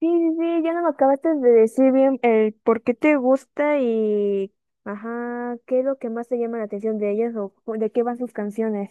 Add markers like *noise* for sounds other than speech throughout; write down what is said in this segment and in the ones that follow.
Sí, sí, sí, ya no me acabaste de decir bien el por qué te gusta y, ajá, qué es lo que más te llama la atención de ellas o de qué van sus canciones.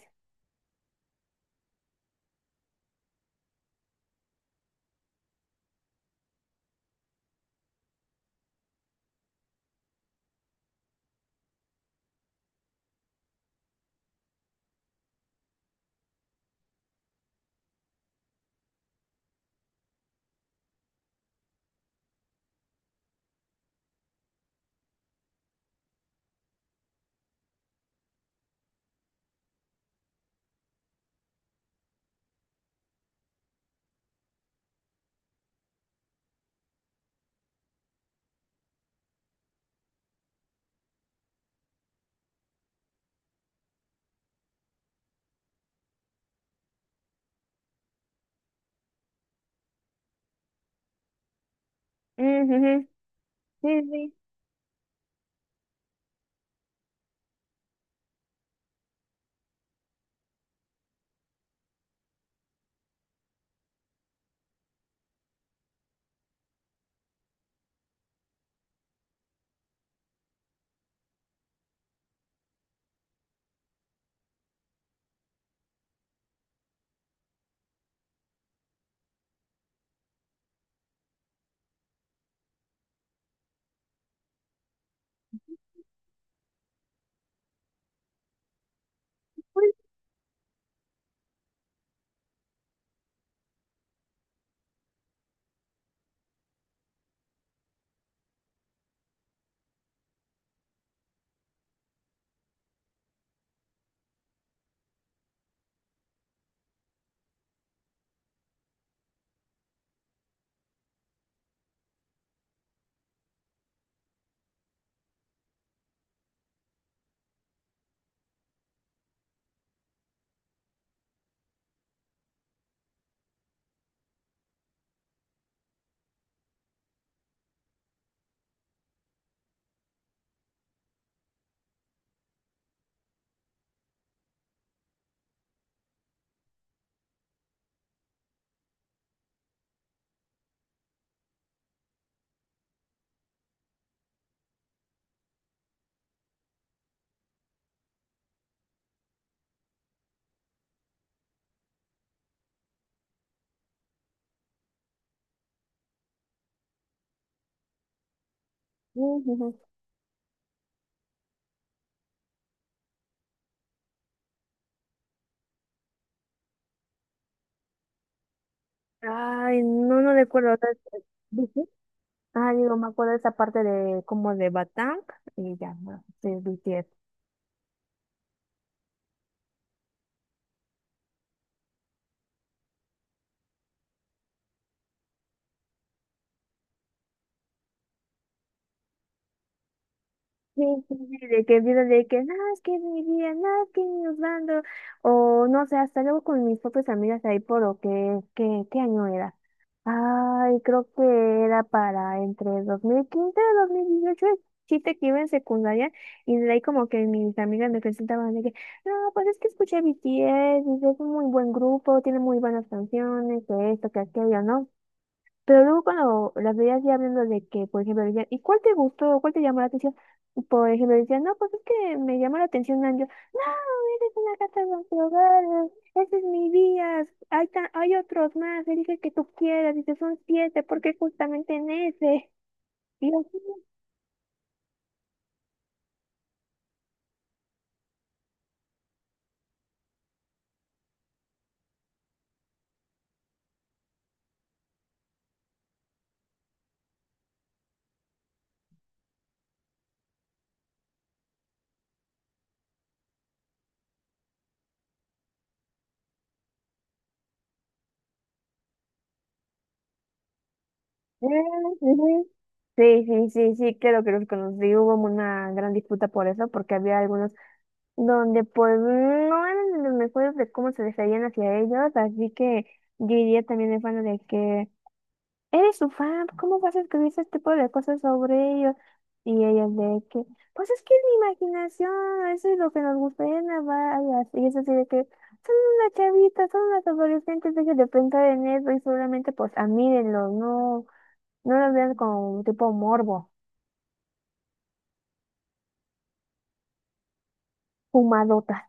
Ujú. Sí, sí. Pues, ujú. Ay, no, no recuerdo. O sea, eh, ¿viste? Ah, digo, me acuerdo de esa parte de como de Batang y ya, no, sí, BTS. Sí, sí, sí, de que viene de que, no, es que mi vida, no, es que mi bando, o no sé, hasta luego con mis propias amigas ahí por lo que, ¿qué año era? Ay, creo que era para entre 2015 y 2018, el chiste que iba en secundaria, y de ahí como que mis amigas me presentaban de que, no, pues es que escuché BTS, y es un muy buen grupo, tiene muy buenas canciones, que esto, que aquello, ¿no? Pero luego cuando las veías ya hablando de que, por ejemplo, decían, ¿y cuál te gustó? ¿Cuál te llamó la atención? Por ejemplo, decían, no, pues es que me llamó la atención Angio. No, eres una gata drogada, ese es mi día, hay, hay otros más, elige el que tú quieras, dice, son siete, porque justamente en ese. *laughs* Y yo, "Ah, ujú". Sí, sí, sí, sí, claro que los conocí. Hubo una gran disputa por eso, porque había algunos donde pues no eran los mejores de cómo se referían hacia ellos, así que yo diría también el fan de que eres su fan, ¿cómo vas a escribir ese tipo de cosas sobre ellos? Y ellos de que, pues es que es mi imaginación, eso es lo que nos gusta de Navarias. Y es así de que son unas chavitas, son unas adolescentes, dejen de pensar en eso y solamente pues amírenlos, no, no los vean como tipo morbo, fumadotas.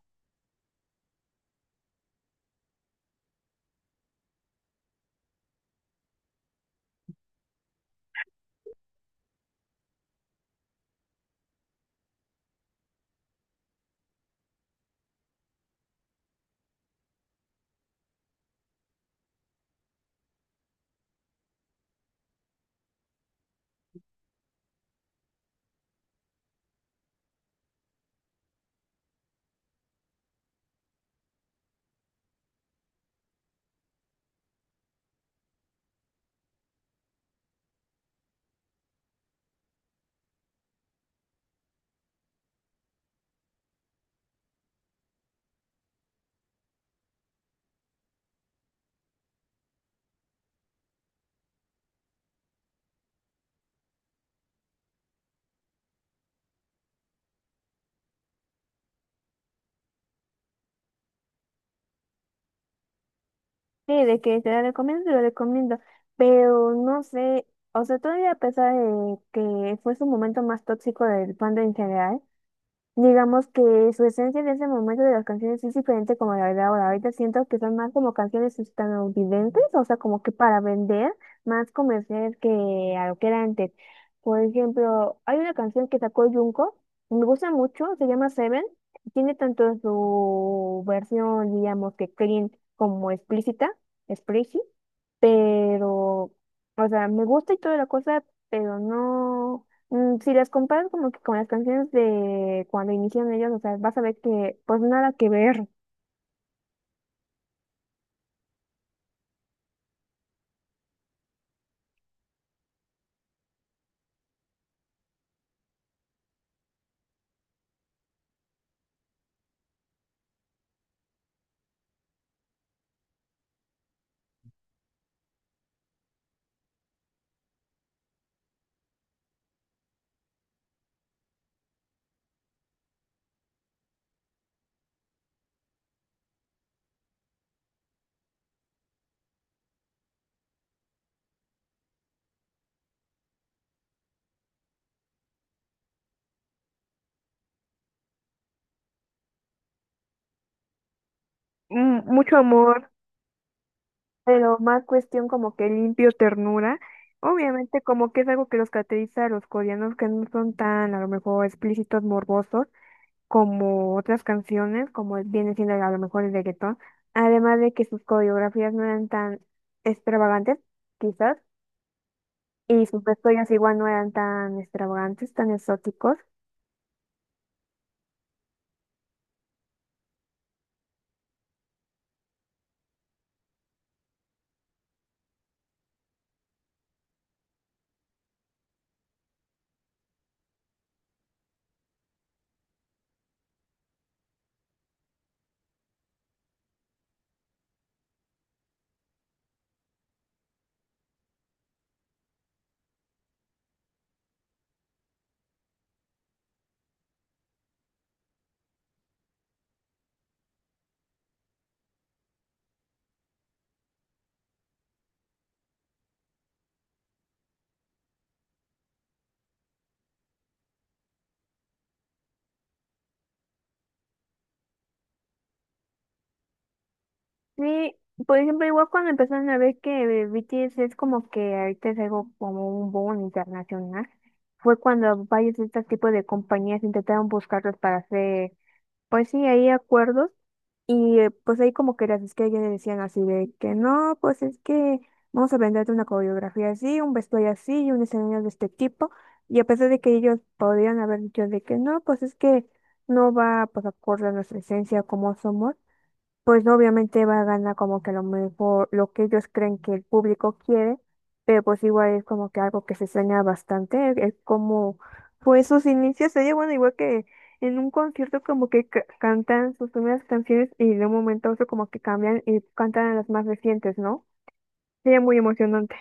Sí, de que te la recomiendo, pero no sé, o sea, todavía a pesar de que fue su momento más tóxico del fandom en general, digamos que su esencia en ese momento de las canciones es diferente como la de ahora. Ahorita siento que son más como canciones estadounidenses, o sea, como que para vender, más comerciales que a lo que era antes. Por ejemplo, hay una canción que sacó Junko, me gusta mucho, se llama Seven. Tiene tanto su versión, digamos que clean como explícita, explícita, pero, o sea, me gusta y toda la cosa, pero no. Mm, si las comparas como que con las canciones de cuando iniciaron ellos, o sea, vas a ver que pues nada que ver. Mm, mucho amor, pero más cuestión como que limpio ternura. Obviamente como que es algo que los caracteriza a los coreanos que no son tan a lo mejor explícitos, morbosos como otras canciones, como viene siendo a lo mejor el reggaetón. Además de que sus coreografías no eran tan extravagantes, quizás, y sus vestuarios igual no eran tan extravagantes, tan exóticos. Sí, por ejemplo, igual cuando empezaron a ver que BTS es como que ahorita es algo como un boom internacional, fue cuando varios de este tipo de compañías intentaron buscarlos para hacer, pues sí, ahí acuerdos, y pues ahí como que las estrellas le decían así de que no, pues es que vamos a venderte una coreografía así, un vestuario así y un escenario de este tipo, y a pesar de que ellos podrían haber dicho de que no, pues es que no va pues acorde a nuestra esencia como somos, pues obviamente va a ganar como que a lo mejor lo que ellos creen que el público quiere, pero pues igual es como que algo que se extraña bastante, es como pues sus inicios, ella bueno, igual que en un concierto como que cantan sus primeras canciones y de un momento a otro como que cambian y cantan las más recientes, ¿no? Sería muy emocionante.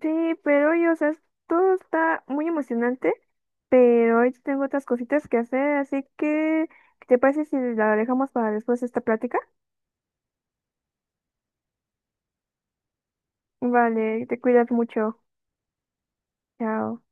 Sí, pero oye, o sea, todo está muy emocionante, pero hoy tengo otras cositas que hacer, así que, ¿te parece si la dejamos para después esta plática? Vale, te cuidas mucho. Chao.